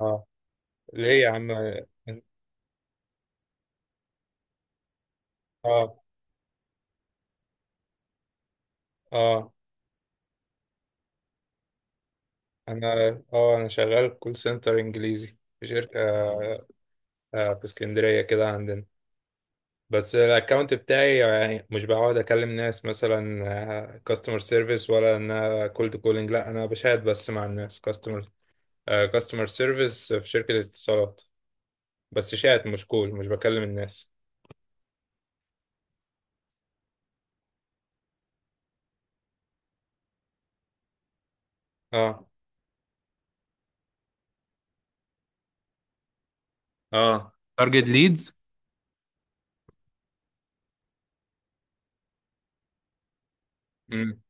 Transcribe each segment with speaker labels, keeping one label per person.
Speaker 1: اه. ليه يا عم؟ اه اه انا اه انا شغال كول سنتر انجليزي في شركه، في اسكندريه كده عندنا. بس الاكونت بتاعي يعني مش بقعد اكلم ناس مثلا كاستمر سيرفيس، ولا ان انا كولد كولينج. لا، انا بشات بس مع الناس. كاستمر سيرفيس في شركه اتصالات. بس شات، مش كول، مش بكلم الناس. اه، اه، تارجت ليدز. امم.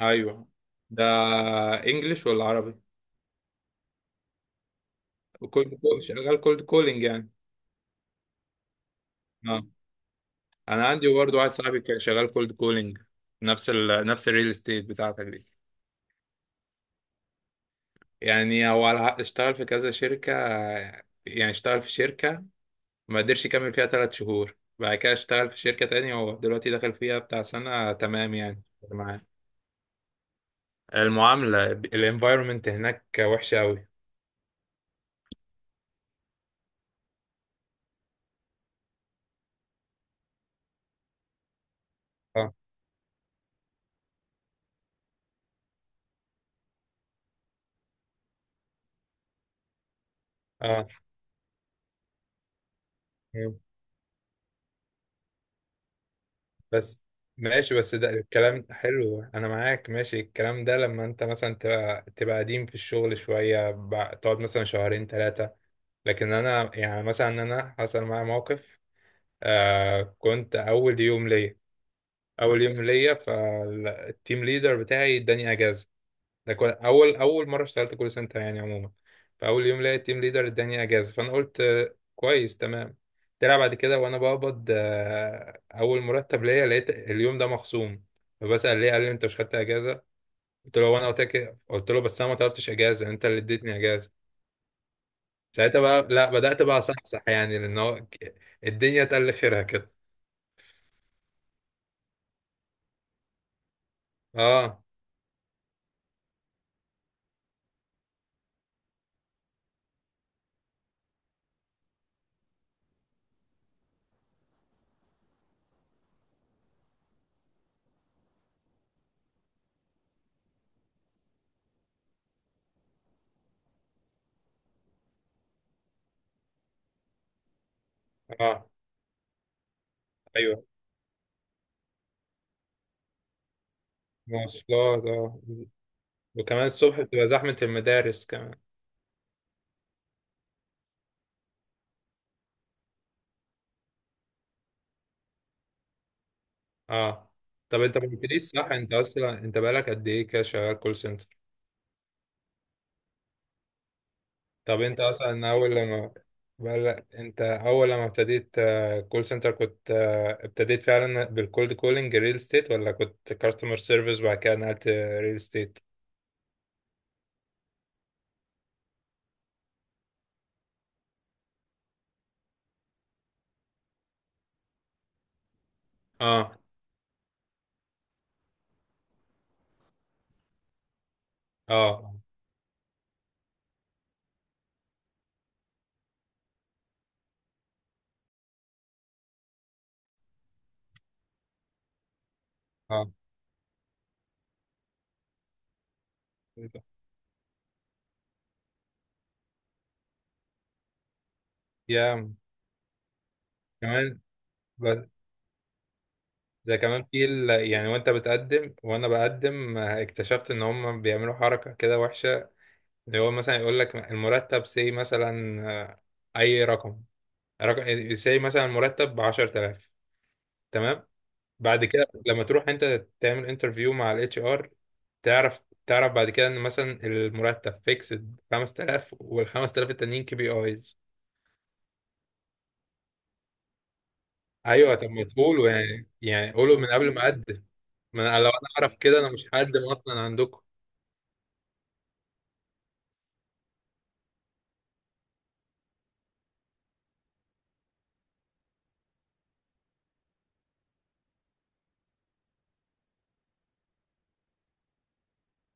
Speaker 1: ايوه، ده انجلش ولا عربي؟ وكولد كول، شغال كولد كولينج يعني؟ اه. انا عندي برضه واحد صاحبي كان شغال كولد كولينج، نفس الريل استيت بتاعتك دي. يعني هو اشتغل في كذا شركة، يعني اشتغل في شركة ما قدرش يكمل فيها 3 شهور، بعد كده اشتغل في شركة تانية هو دلوقتي داخل فيها بتاع سنة تمام يعني. معاه. المعاملة، الانفايرمنت هناك وحشة أوي. اه، اه. بس ماشي، بس ده الكلام حلو، انا معاك ماشي الكلام ده لما انت مثلا تبقى قديم في الشغل شوية، تقعد مثلا شهرين ثلاثة. لكن انا يعني مثلا انا حصل معايا موقف. كنت اول يوم ليا. اول يوم ليا، فالتيم ليدر بتاعي اداني اجازة. ده كل اول اول مره اشتغلت كول سنتر يعني عموما. فاول يوم لقيت التيم ليدر اداني اجازه، فانا قلت كويس تمام. طلع بعد كده وانا بقبض اول مرتب ليا لقيت اليوم ده مخصوم. فبسأل ليه، قال لي انت مش خدت اجازه؟ قلت له، وانا قلت لك، قلت له بس انا ما طلبتش اجازه، انت اللي اديتني اجازه. ساعتها بقى لا بدأت بقى اصحصح يعني، لان هو الدنيا تقل خيرها كده. اه، اه. ايوه، مواصلات. اه وكمان الصبح بتبقى زحمه المدارس كمان. اه. طب انت ما قلتليش صح، انت اصلا انت بقالك قد ايه كده شغال كول سنتر؟ طب انت اصلا اول لما بقالك، انت اول لما ابتديت كول سنتر كنت ابتديت فعلا بالكولد كولينج ريل استيت، ولا كنت كاستمر سيرفيس وبعد كده نقلت ريل استيت؟ اه، اه، اه. يا، كمان ب- ده كمان يعني، وانت بتقدم وانا بقدم، اكتشفت ان هم بيعملوا حركة كده وحشة، اللي هو مثلا يقول لك المرتب سي مثلا، اي رقم، رقم سي مثلا مرتب ب 10000. تمام، بعد كده لما تروح انت تعمل انترفيو مع الاتش ار، تعرف بعد كده ان مثلا المرتب فيكسد 5000 وال 5000 التانيين كي بي ايز. ايوه، طب ما تقولوا يعني قولوا من قبل ما اقدم. ما انا لو انا اعرف كده انا مش هقدم اصلا عندكم.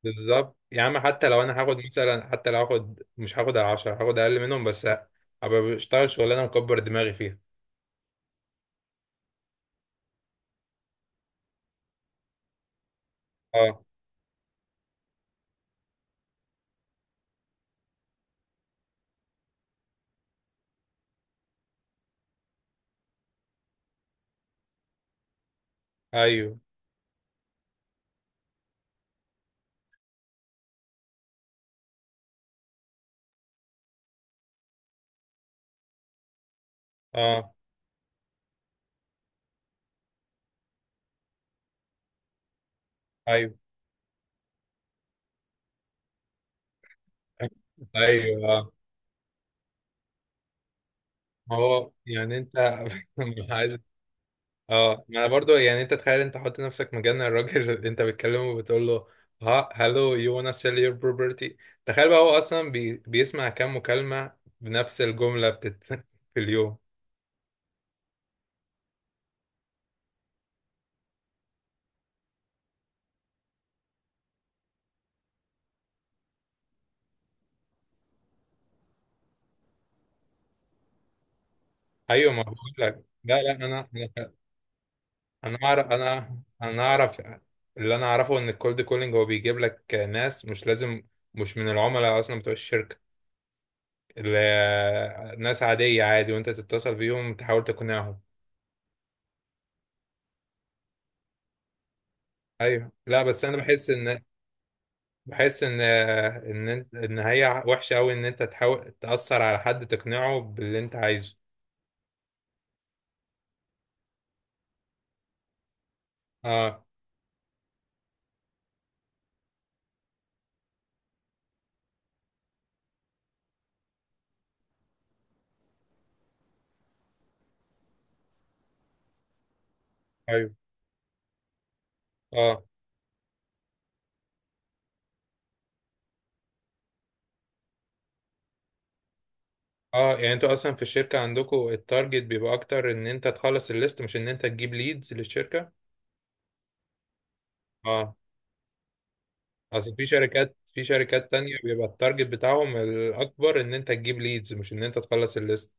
Speaker 1: بالظبط يا عم، حتى لو انا هاخد مثلا، حتى لو هاخد مش هاخد على 10، هاخد اقل منهم، بس ابقى بشتغل شغلانه مكبر دماغي فيها. اه. ايوه. اه. ايوه. ايوه. اه. ما هو يعني انت مش عايز. اه، ما انا برضو يعني، انت تخيل انت حط نفسك مكان الراجل اللي انت بتكلمه وبتقول له، ها هلو يو wanna sell your property. تخيل بقى هو اصلا بيسمع كام مكالمه بنفس الجمله في اليوم. ايوه، ما بقول لك، لا، لا، انا انا اعرف، انا اعرف. اللي انا اعرفه ان الكولد كولينج هو بيجيب لك ناس مش لازم مش من العملاء اصلا بتوع الشركه، اللي ناس عاديه عادي، وانت تتصل بيهم تحاول تقنعهم. ايوه، لا، بس انا بحس ان، بحس ان هي وحشه قوي ان انت تحاول تاثر على حد تقنعه باللي انت عايزه. اه. ايوه. اه، اه، يعني انتوا اصلا في الشركه عندكم التارجت بيبقى اكتر ان انت تخلص الليست مش ان انت تجيب ليدز للشركه. اه، اصل في شركات تانية بيبقى التارجت بتاعهم الاكبر ان انت تجيب ليدز مش ان انت تخلص الليست،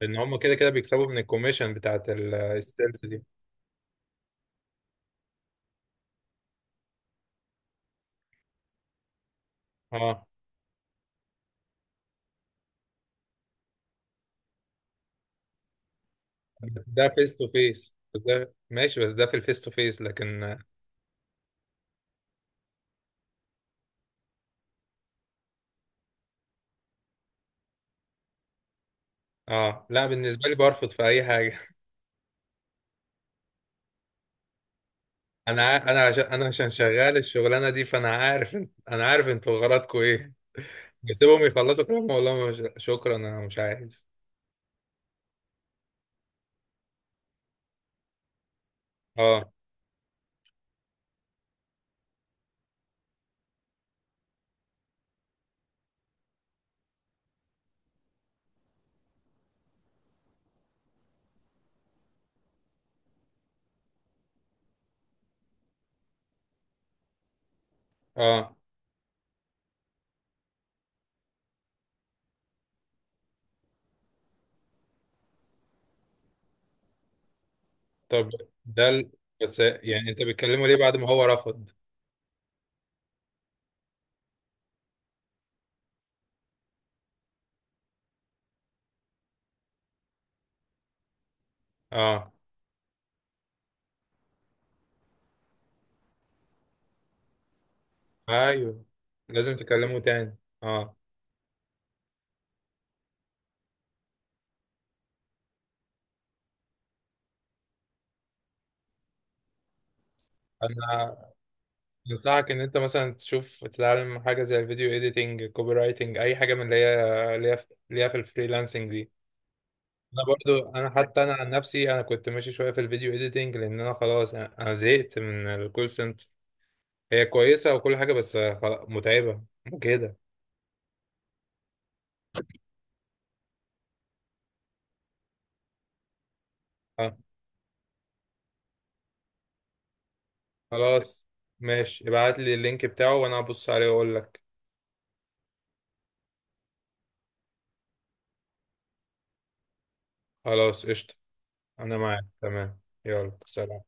Speaker 1: لان هم كده كده بيكسبوا من الكوميشن بتاعت السيلز دي. اه، بس ده فيس تو فيس، بس ده ماشي، بس ده في الفيس تو فيس لكن. اه، لا بالنسبه لي برفض في اي حاجه. انا عشان شغال الشغلانه دي، فانا انا عارف انتوا غرضكم ايه. بسيبهم يخلصوا كلام، والله مش... شكرا، انا مش عايز. اه، اه. طب ده ال- بس يعني انت بتكلمه ليه بعد ما هو رفض؟ اه. ايوه، لازم تكلمه تاني. اه، انا انصحك ان انت مثلا تشوف تتعلم حاجه زي الفيديو ايديتنج، كوبي رايتنج، اي حاجه من اللي هي في الفريلانسنج دي. انا برضو، انا حتى انا عن نفسي انا كنت ماشي شويه في الفيديو ايديتنج، لان انا خلاص انا زهقت من الكول سنتر. هي كويسه وكل حاجه بس خلاص متعبه وكده. اه، خلاص ماشي، ابعت لي اللينك بتاعه وانا هبص عليه واقول لك. خلاص قشطة. أنا معاك تمام. يلا، سلام.